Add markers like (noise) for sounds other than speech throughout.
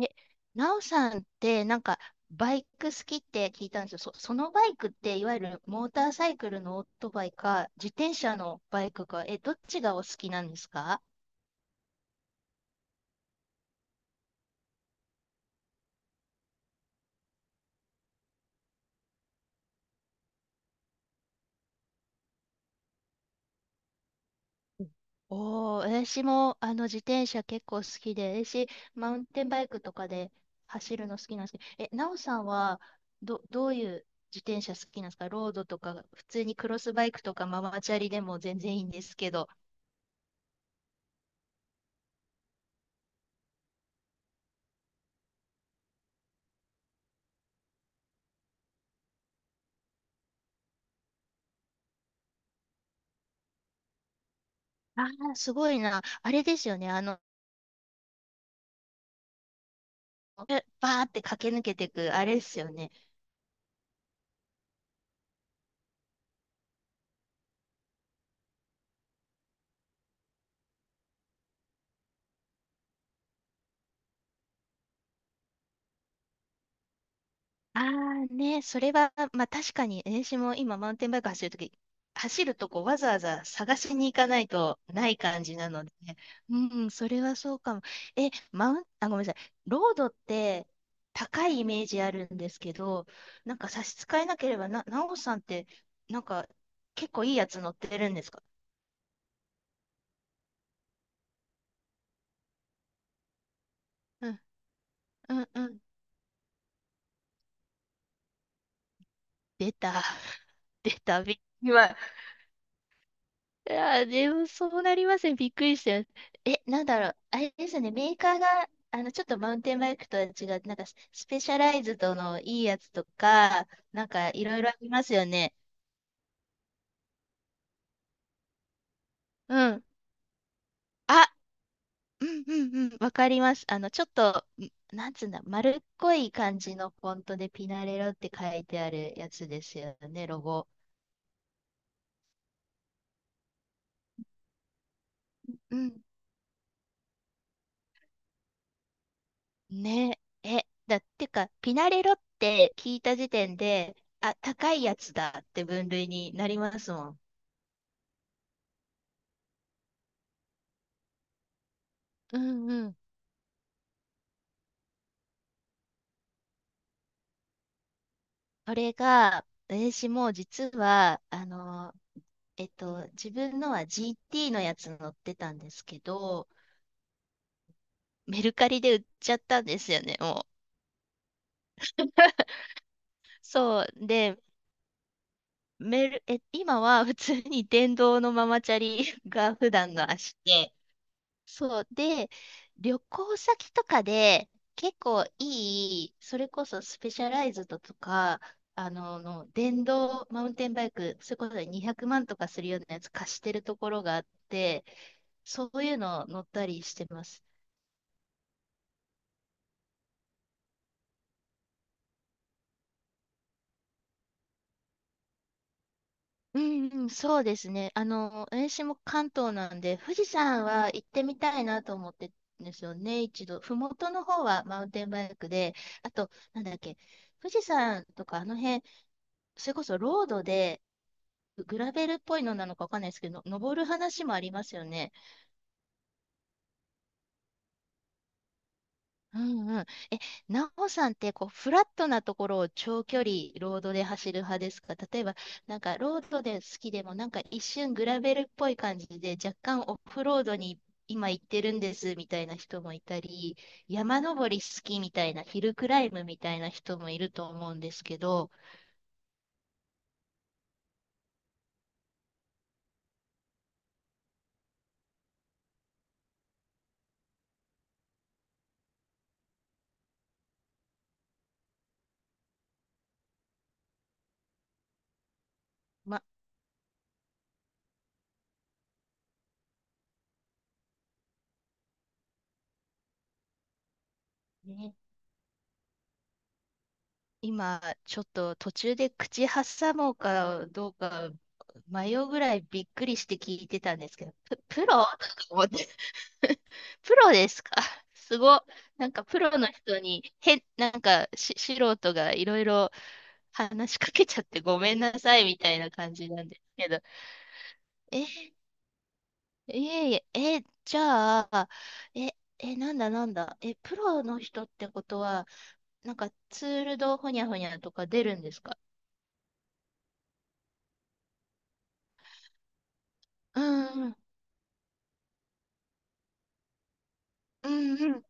え、なおさんって、なんか、バイク好きって聞いたんですよ。そのバイクって、いわゆるモーターサイクルのオートバイか、自転車のバイクか、どっちがお好きなんですか？うん。おー、私も、自転車結構好きで、私、マウンテンバイクとかで走るの好きなんですけど、なおさんはどういう自転車好きなんですか？ロードとか、普通にクロスバイクとかママチャリでも全然いいんですけど。ああ、すごいな。あれですよね。バーって駆け抜けてく、あれですよね。ああね、それは、まあ確かに、私も今マウンテンバイク走るとき、走るとこわざわざ探しに行かないとない感じなのでね、うん、それはそうかも。え、マウン、あ、ごめんなさい、ロードって高いイメージあるんですけど、なんか差し支えなければ、なおさんって、なんか結構いいやつ乗ってるんですか？うん、うん、うん。出た、(laughs) 出た、(laughs) 今、いや、でもそうなりますね。びっくりした。なんだろう。あれですね。メーカーが、ちょっとマウンテンバイクとは違う、なんかスペシャライズドのいいやつとか、なんかいろいろありますよね。うん。あ、うんうんうん。わかります。ちょっと、なんつうんだ、丸っこい感じのフォントでピナレロって書いてあるやつですよね、ロゴ。うんね。だってか、ピナレロって聞いた時点で、あ、高いやつだって分類になりますもん。うんうん。これが、私も実は、自分のは GT のやつ乗ってたんですけど、メルカリで売っちゃったんですよね、もう。(laughs) そう。で、メル、え、今は普通に電動のママチャリが普段の足で、そう。で、旅行先とかで結構いい、それこそスペシャライズドとか、電動マウンテンバイク、それこそ200万とかするようなやつ貸してるところがあって、そういうの乗ったりしてます。うんうん、そうですね。私も関東なんで、富士山は行ってみたいなと思ってるんですよね、一度。麓の方はマウンテンバイクで、あと、なんだっけ、富士山とかあの辺、それこそロードで、グラベルっぽいのなのかわかんないですけど、登る話もありますよね。うんうん。なおさんって、こう、フラットなところを長距離ロードで走る派ですか？例えば、なんか、ロードで好きでも、なんか一瞬グラベルっぽい感じで、若干オフロードに今行ってるんですみたいな人もいたり、山登り好きみたいな、ヒルクライムみたいな人もいると思うんですけど、ま、ね今、ちょっと途中で口挟もうかどうか迷うぐらいびっくりして聞いてたんですけど、プロとか思って、(laughs) プロですか？ (laughs) すご。なんかプロの人に、なんか素人がいろいろ話しかけちゃってごめんなさいみたいな感じなんですけど、いえいえ、じゃあ、え、なんだなんだ、プロの人ってことは、なんかツールドほにゃほにゃとか出るんですか？うんうんうんうん。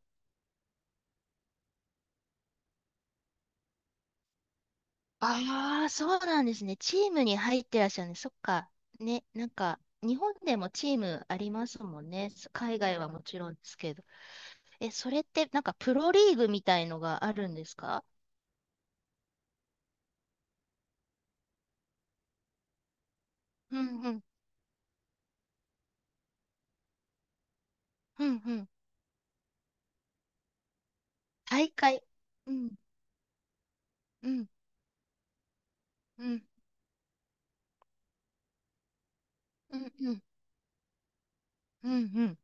ああ、そうなんですね。チームに入ってらっしゃるね。そっか。ね、なんか、日本でもチームありますもんね。海外はもちろんですけど。それって、なんか、プロリーグみたいのがあるんですか？うんうん、うんうん。大会。うん、うん、うん、うん、うん、うん、うん、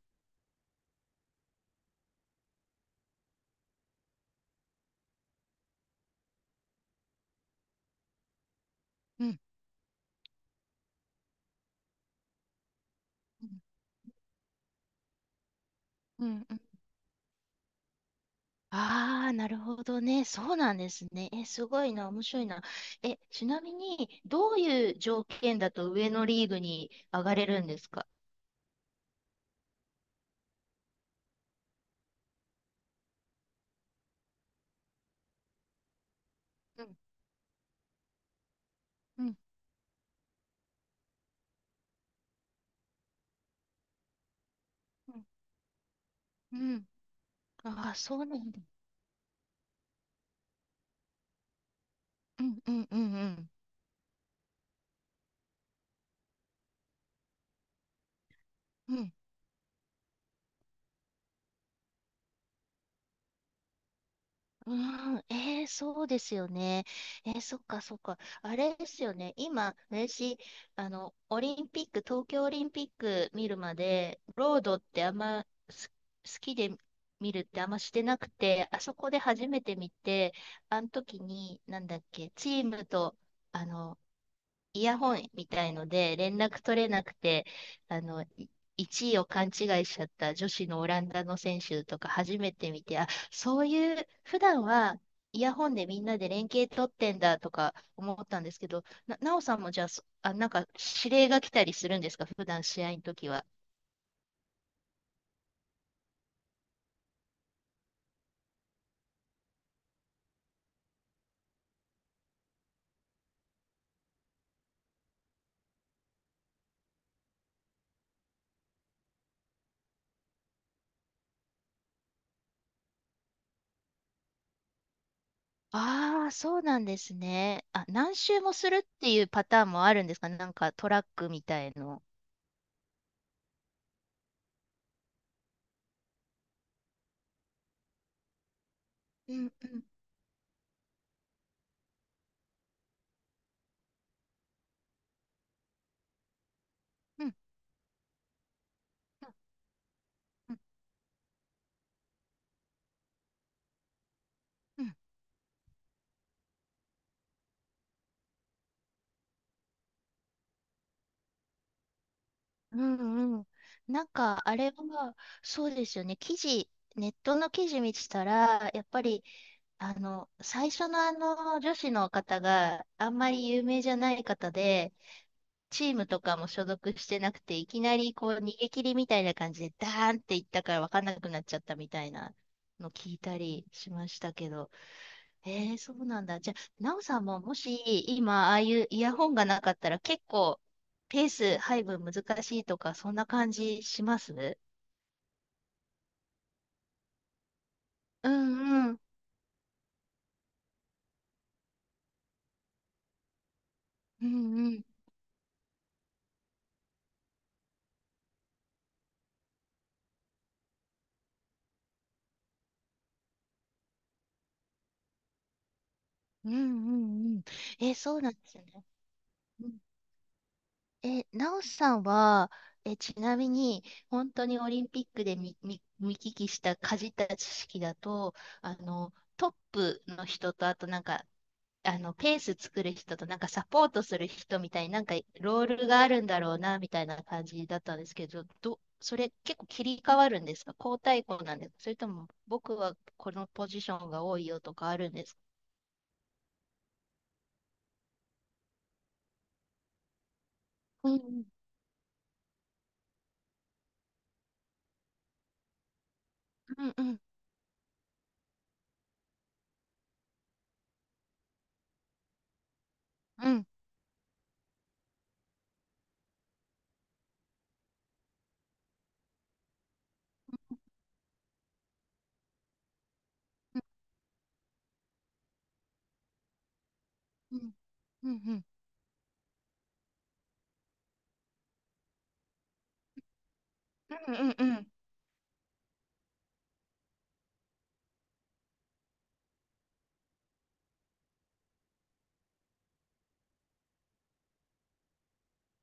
うん、うん。ああー、なるほどね。そうなんですね。すごいな、面白いな。ちなみに、どういう条件だと上のリーグに上がれるんですか？うんうんうん。うんああ、そうなんだ。うんうんうんうん。うん、うん、えー、そうですよね。えー、そっかそっか。あれですよね。今、私、オリンピック、東京オリンピック見るまで、ロードってあんま好きで見るってあんましてなくて、あそこで初めて見て、あの時に、なんだっけ、チームと、あの、イヤホンみたいので連絡取れなくて、あの、い1位を勘違いしちゃった女子のオランダの選手とか初めて見て、あ、そういう、普段はイヤホンでみんなで連携取ってんだとか思ったんですけど、なおさんもじゃあ、なんか指令が来たりするんですか、普段試合の時は。ああ、そうなんですね。あ、何周もするっていうパターンもあるんですか？なんかトラックみたいの。うんうんうんうんうんうんうんうん。なんか、あれは、そうですよね。ネットの記事見てたら、やっぱり、最初のあの、女子の方があんまり有名じゃない方で、チームとかも所属してなくて、いきなりこう、逃げ切りみたいな感じで、ダーンっていったから分かんなくなっちゃったみたいなの聞いたりしましたけど、えー、そうなんだ。じゃあ、なおさんももし今、ああいうイヤホンがなかったら結構ペース配分難しいとか、そんな感じします？うんうん。うんうん。うんうんうん。えー、そうなんですね。うん。なおさんは、ちなみに、本当にオリンピックで見聞きした、かじった知識だと、トップの人と、あとなんか、ペース作る人と、なんかサポートする人みたいになんかロールがあるんだろうな、みたいな感じだったんですけど、それ結構切り替わるんですか？交代校なんですか？それとも、僕はこのポジションが多いよとかあるんですか？うんうんうんうんうんうんうんうんうん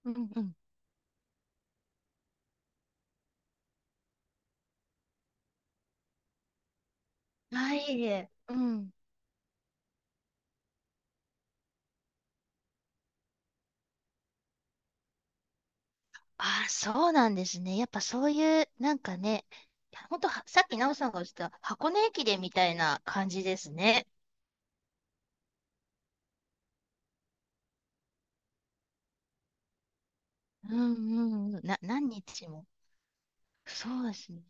うんうんはい、えいえうん。あ、そうなんですね。やっぱそういう、なんかね、ほんとは、さっき奈緒さんがおっしゃった箱根駅伝みたいな感じですね。うんうんうん。何日も。そうですね。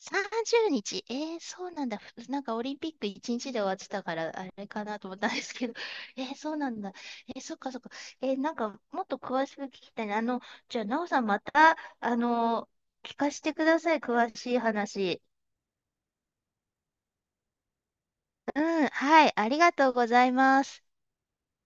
30日。えー、そうなんだ。なんかオリンピック1日で終わってたから、あれかなと思ったんですけど。(laughs) えー、そうなんだ。えー、そっかそっか。なんかもっと詳しく聞きたいな。じゃあ、なおさんまた、聞かせてください。詳しい話。うん、はい。ありがとうございます。